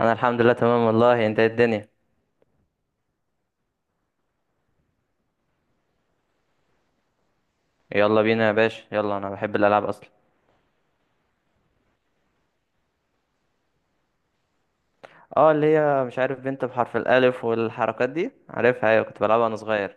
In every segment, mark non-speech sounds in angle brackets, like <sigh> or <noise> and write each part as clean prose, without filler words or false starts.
انا الحمد لله تمام والله. انت إيه الدنيا؟ يلا بينا يا باشا، يلا، انا بحب الالعاب اصلا. اه، اللي هي مش عارف، بنت بحرف الالف والحركات دي عارفها. ايوه، كنت بلعبها وانا صغير.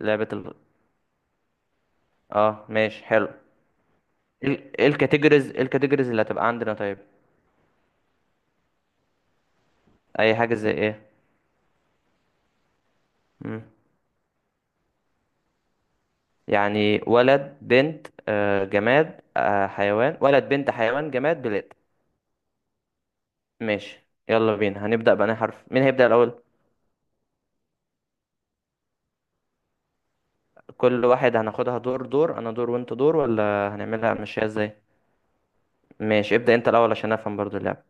لعبة ال... اه ماشي حلو. ايه الكاتيجوريز، ايه الكاتيجوريز اللي هتبقى عندنا؟ طيب. اي حاجة زي ايه؟ مم. يعني ولد، بنت، جماد، حيوان. ولد، بنت، حيوان، جماد، بلاد. ماشي، يلا بينا، هنبدأ بأنهي حرف؟ مين هيبدأ الأول؟ كل واحد هناخدها دور دور، انا دور وانت دور، ولا هنعملها مشيها ازاي؟ ماشي، ابدأ انت الأول عشان افهم برضو اللعب.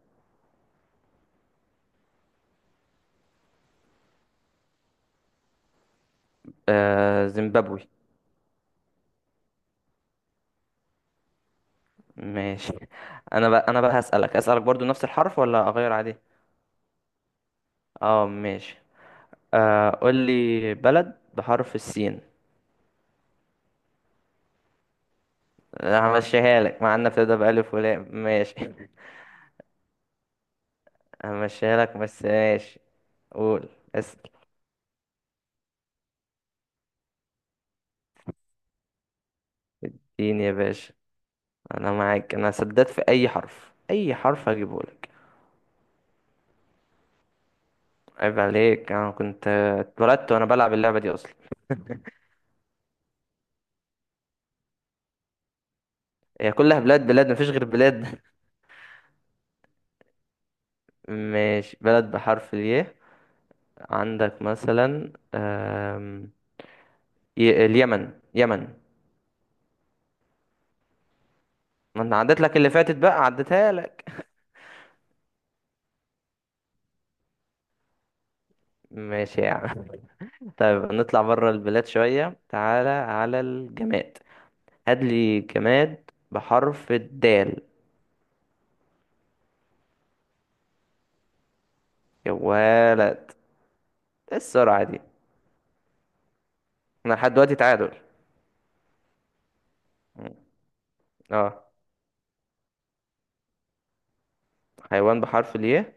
آه، زيمبابوي. ماشي <laughs> انا بقى هسألك، اسألك برضو نفس الحرف ولا اغير عليه؟ اه ماشي. آه، قول لي بلد بحرف السين. لا، همشيها لك مع انها بتبدأ بألف ولام. ماشي <laughs> همشيها لك، بس ماشي. قول. اسأل. سين يا باشا. انا معاك، انا سددت. في اي حرف، اي حرف هجيبه لك. عيب عليك، انا كنت اتولدت وانا بلعب اللعبة دي اصلا. هي كلها بلاد بلاد، مفيش غير بلاد <laughs> ماشي، بلد بحرف الياء. عندك مثلا، اليمن، يمن. ما انا عدت لك اللي فاتت بقى، عدتها لك. ماشي يا عم. <laughs> طيب نطلع بره البلاد شوية، تعالى على الجماد. هات لي جماد بحرف الدال. يا ولد! ايه السرعة دي؟ احنا لحد دلوقتي تعادل. اه، حيوان بحرف الياء.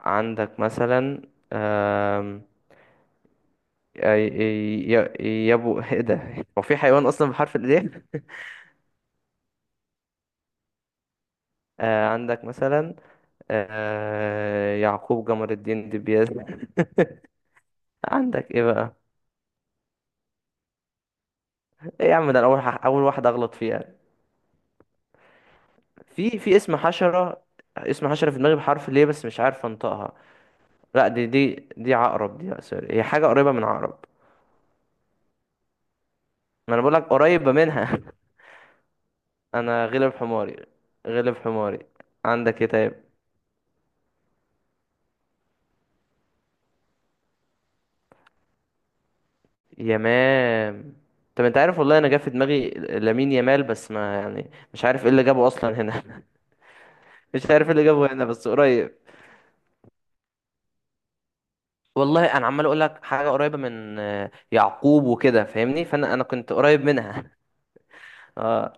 عندك مثلا آم، ي- يابو <laughs> ايه ده، هو في حيوان اصلا بحرف الياء؟ آه، عندك مثلا آه، يعقوب، جمر الدين، دبيز <laughs> عندك ايه بقى؟ ايه يا عم، ده أنا اول اول واحده اغلط فيها. في اسم حشره، اسم حشره في دماغي بحرف ليه بس مش عارف انطقها. لا، دي عقرب دي، لا سوري، هي حاجه قريبه من عقرب. ما انا بقول لك قريبه منها <laughs> انا غلب حماري، غلب حماري. عندك ايه طيب؟ يمام. طب انت عارف، والله انا جا في دماغي لامين، يامال، بس ما يعني مش عارف ايه اللي جابه اصلا هنا. <laughs> مش عارف ايه اللي جابه هنا، بس قريب. والله انا عمال اقول لك حاجه قريبه من آه، يعقوب وكده، فاهمني، فانا كنت قريب منها <laughs> اه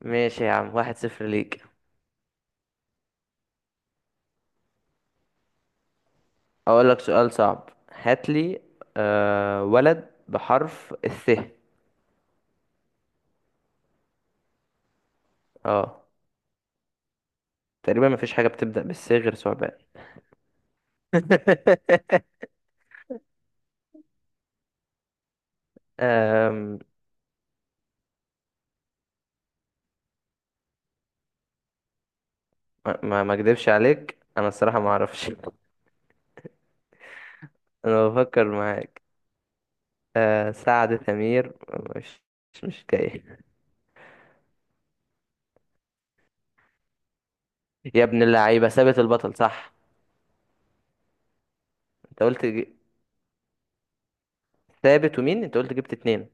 ماشي يا عم، 1-0 ليك. اقول لك سؤال صعب، هات لي آه، ولد بحرف الث. اه. تقريبا مفيش حاجه بتبدا بالث غير ثعبان <laughs> آم، ما اكدبش عليك، انا الصراحه ما اعرفش <laughs> انا بفكر معاك. آه، سعد، ثمير. مش، مش جاي. يا ابن اللعيبه، ثابت البطل صح. انت قلت ثابت ومين؟ انت قلت جبت اتنين.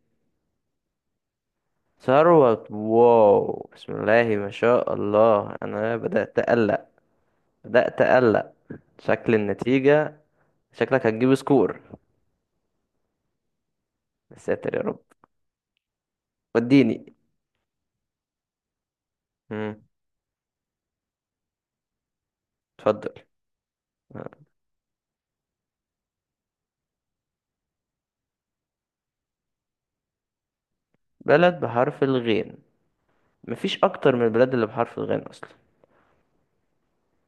ثروت؟ واو، بسم الله ما شاء الله، انا بدأت اقلق. بدأت اقلق. شكل النتيجة. شكلك هتجيب سكور. يا ساتر يا رب. وديني. مم. اتفضل. بلد بحرف الغين. مفيش اكتر من البلاد اللي بحرف الغين اصلا.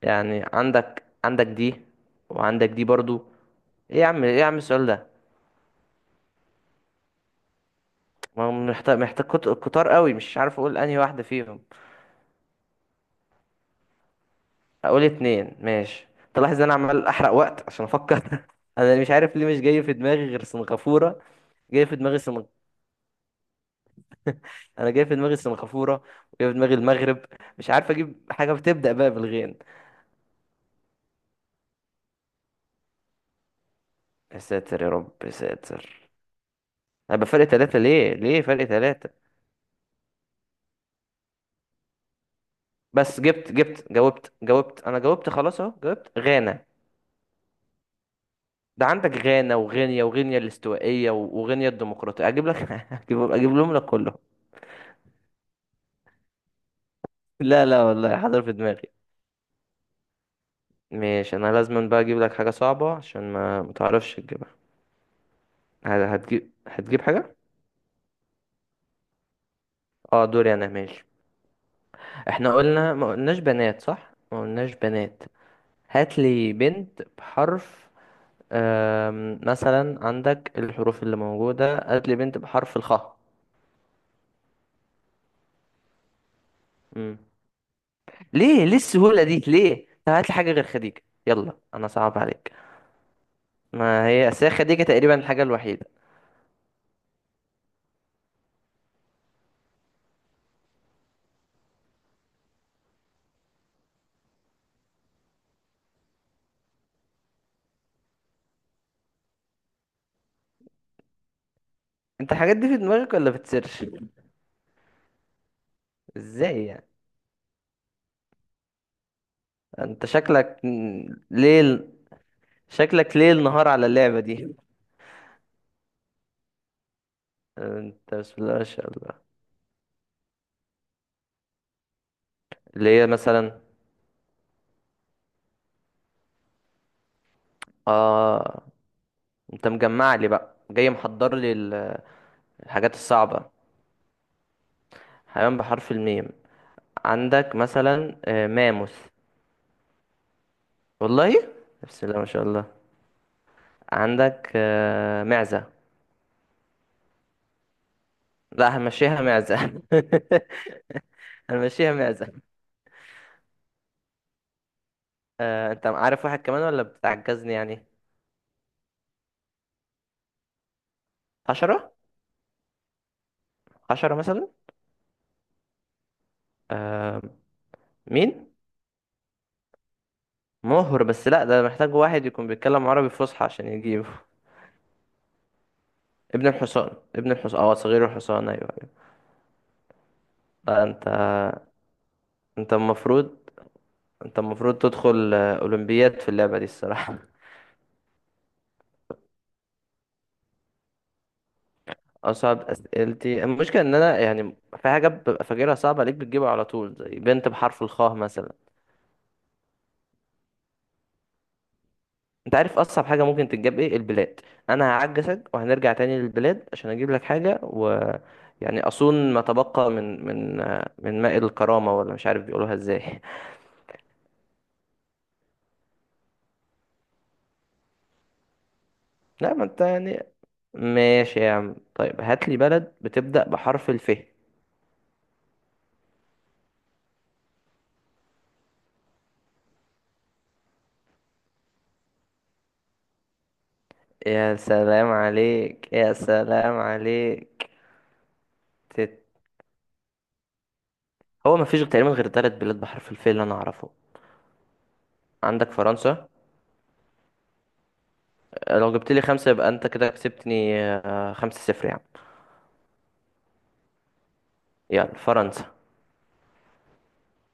يعني عندك دي، وعندك دي برضو. ايه يا عم، ايه يا عم السؤال ده؟ ما هو محتاج كتار قوي. مش عارف اقول انهي واحدة فيهم. هقول اتنين، ماشي. تلاحظ ان انا عمال احرق وقت عشان افكر <laughs> انا مش عارف ليه مش جاي في دماغي غير سنغافورة. جاي في دماغي سنغ... انا جاي في دماغي سنغافورة، وجاي في دماغي المغرب. مش عارف اجيب حاجة بتبدأ بقى بالغين. يا ساتر يا رب، يا ساتر. انا بفرق ثلاثة؟ ليه فرق ثلاثة؟ بس جبت جاوبت انا جاوبت، خلاص اهو، جاوبت غانا. ده عندك غانا، وغينيا، وغينيا الاستوائية، وغينيا الديمقراطية. اجيب لك <laughs> اجيب، لهم لك كله. لا لا، والله حاضر في دماغي. ماشي، انا لازم بقى اجيب لك حاجه صعبه عشان ما متعرفش تجيبها. هتجيب حاجه. اه دوري انا، ماشي. احنا قلنا ما قلناش بنات، صح؟ ما قلناش بنات. هات لي بنت بحرف مثلا، عندك الحروف اللي موجوده. هات لي بنت بحرف الخاء. مم. ليه السهوله دي ليه؟ طب هات لي حاجه غير خديجه، يلا، انا صعب عليك. ما هي أصل هي خديجه تقريبا الحاجه الوحيده. انت الحاجات دي في دماغك ولا بتسيرش؟ ازاي يعني؟ انت شكلك ليه. شكلك ليل نهار على اللعبة دي. انت بسم الله ما شاء الله. اللي هي مثلا. اه. انت مجمع لي بقى، جاي محضر لي الحاجات الصعبة. حيوان بحرف الميم. عندك مثلا آه، ماموث. والله. بسم الله ما شاء الله. عندك آه، معزة. لا، همشيها معزة <laughs> همشيها معزة. آه، انت عارف واحد كمان ولا بتعجزني يعني؟ حشرة. حشرة مثلا. آه. مين؟ مهر؟ بس لا ده محتاج واحد يكون بيتكلم عربي فصحى عشان يجيبه. ابن الحصان، ابن الحصان، اه، صغير الحصان، ايوه ايوه. لا انت، انت المفروض، انت المفروض تدخل آه، اولمبياد في اللعبه دي الصراحه <laughs> اصعب اسئلتي، المشكله ان انا يعني في حاجه ببقى فاكرها صعبه عليك بتجيبها على طول، زي بنت بحرف الخاء مثلا. انت عارف اصعب حاجه ممكن تتجاب ايه؟ البلاد. انا هعجزك وهنرجع تاني للبلاد عشان اجيب لك حاجه، و يعني اصون ما تبقى من من ماء الكرامه، ولا مش عارف بيقولوها ازاي. <laughs> لا، ما انت يعني. ماشي يا عم، طيب هات لي بلد بتبدأ بحرف الف. يا سلام عليك، يا سلام عليك. تت... هو مفيش تقريبا غير ثلاث بلاد بحرف الف اللي انا اعرفه. عندك فرنسا. آه، لو جبت لي خمسة يبقى انت كده كسبتني، آه، 5-0 يعني. يلا فرنسا.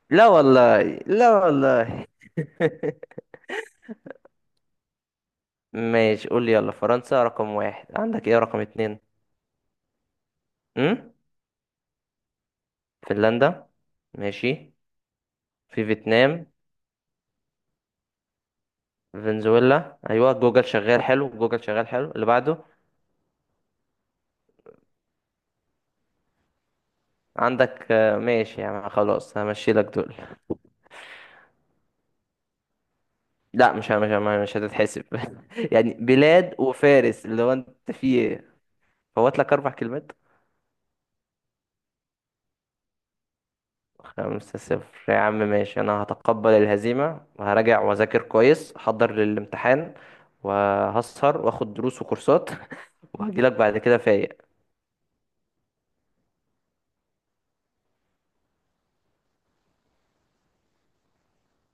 لا والله، لا والله. ماشي، قول لي. يلا فرنسا رقم واحد، عندك ايه رقم اتنين؟ امم فنلندا. ماشي. في فيتنام. فنزويلا. ايوه، جوجل شغال حلو، جوجل شغال حلو. اللي بعده؟ عندك آه، ماشي يعني خلاص، همشي لك دول. لا، مش هتتحسب <laughs> يعني بلاد وفارس، اللي هو انت فيه ايه؟ فوت لك اربع كلمات. 5-0 يا عم، ماشي. انا هتقبل الهزيمة وهراجع واذاكر كويس، احضر للامتحان. وهسهر واخد دروس وكورسات <laughs> وهجيلك بعد كده فايق.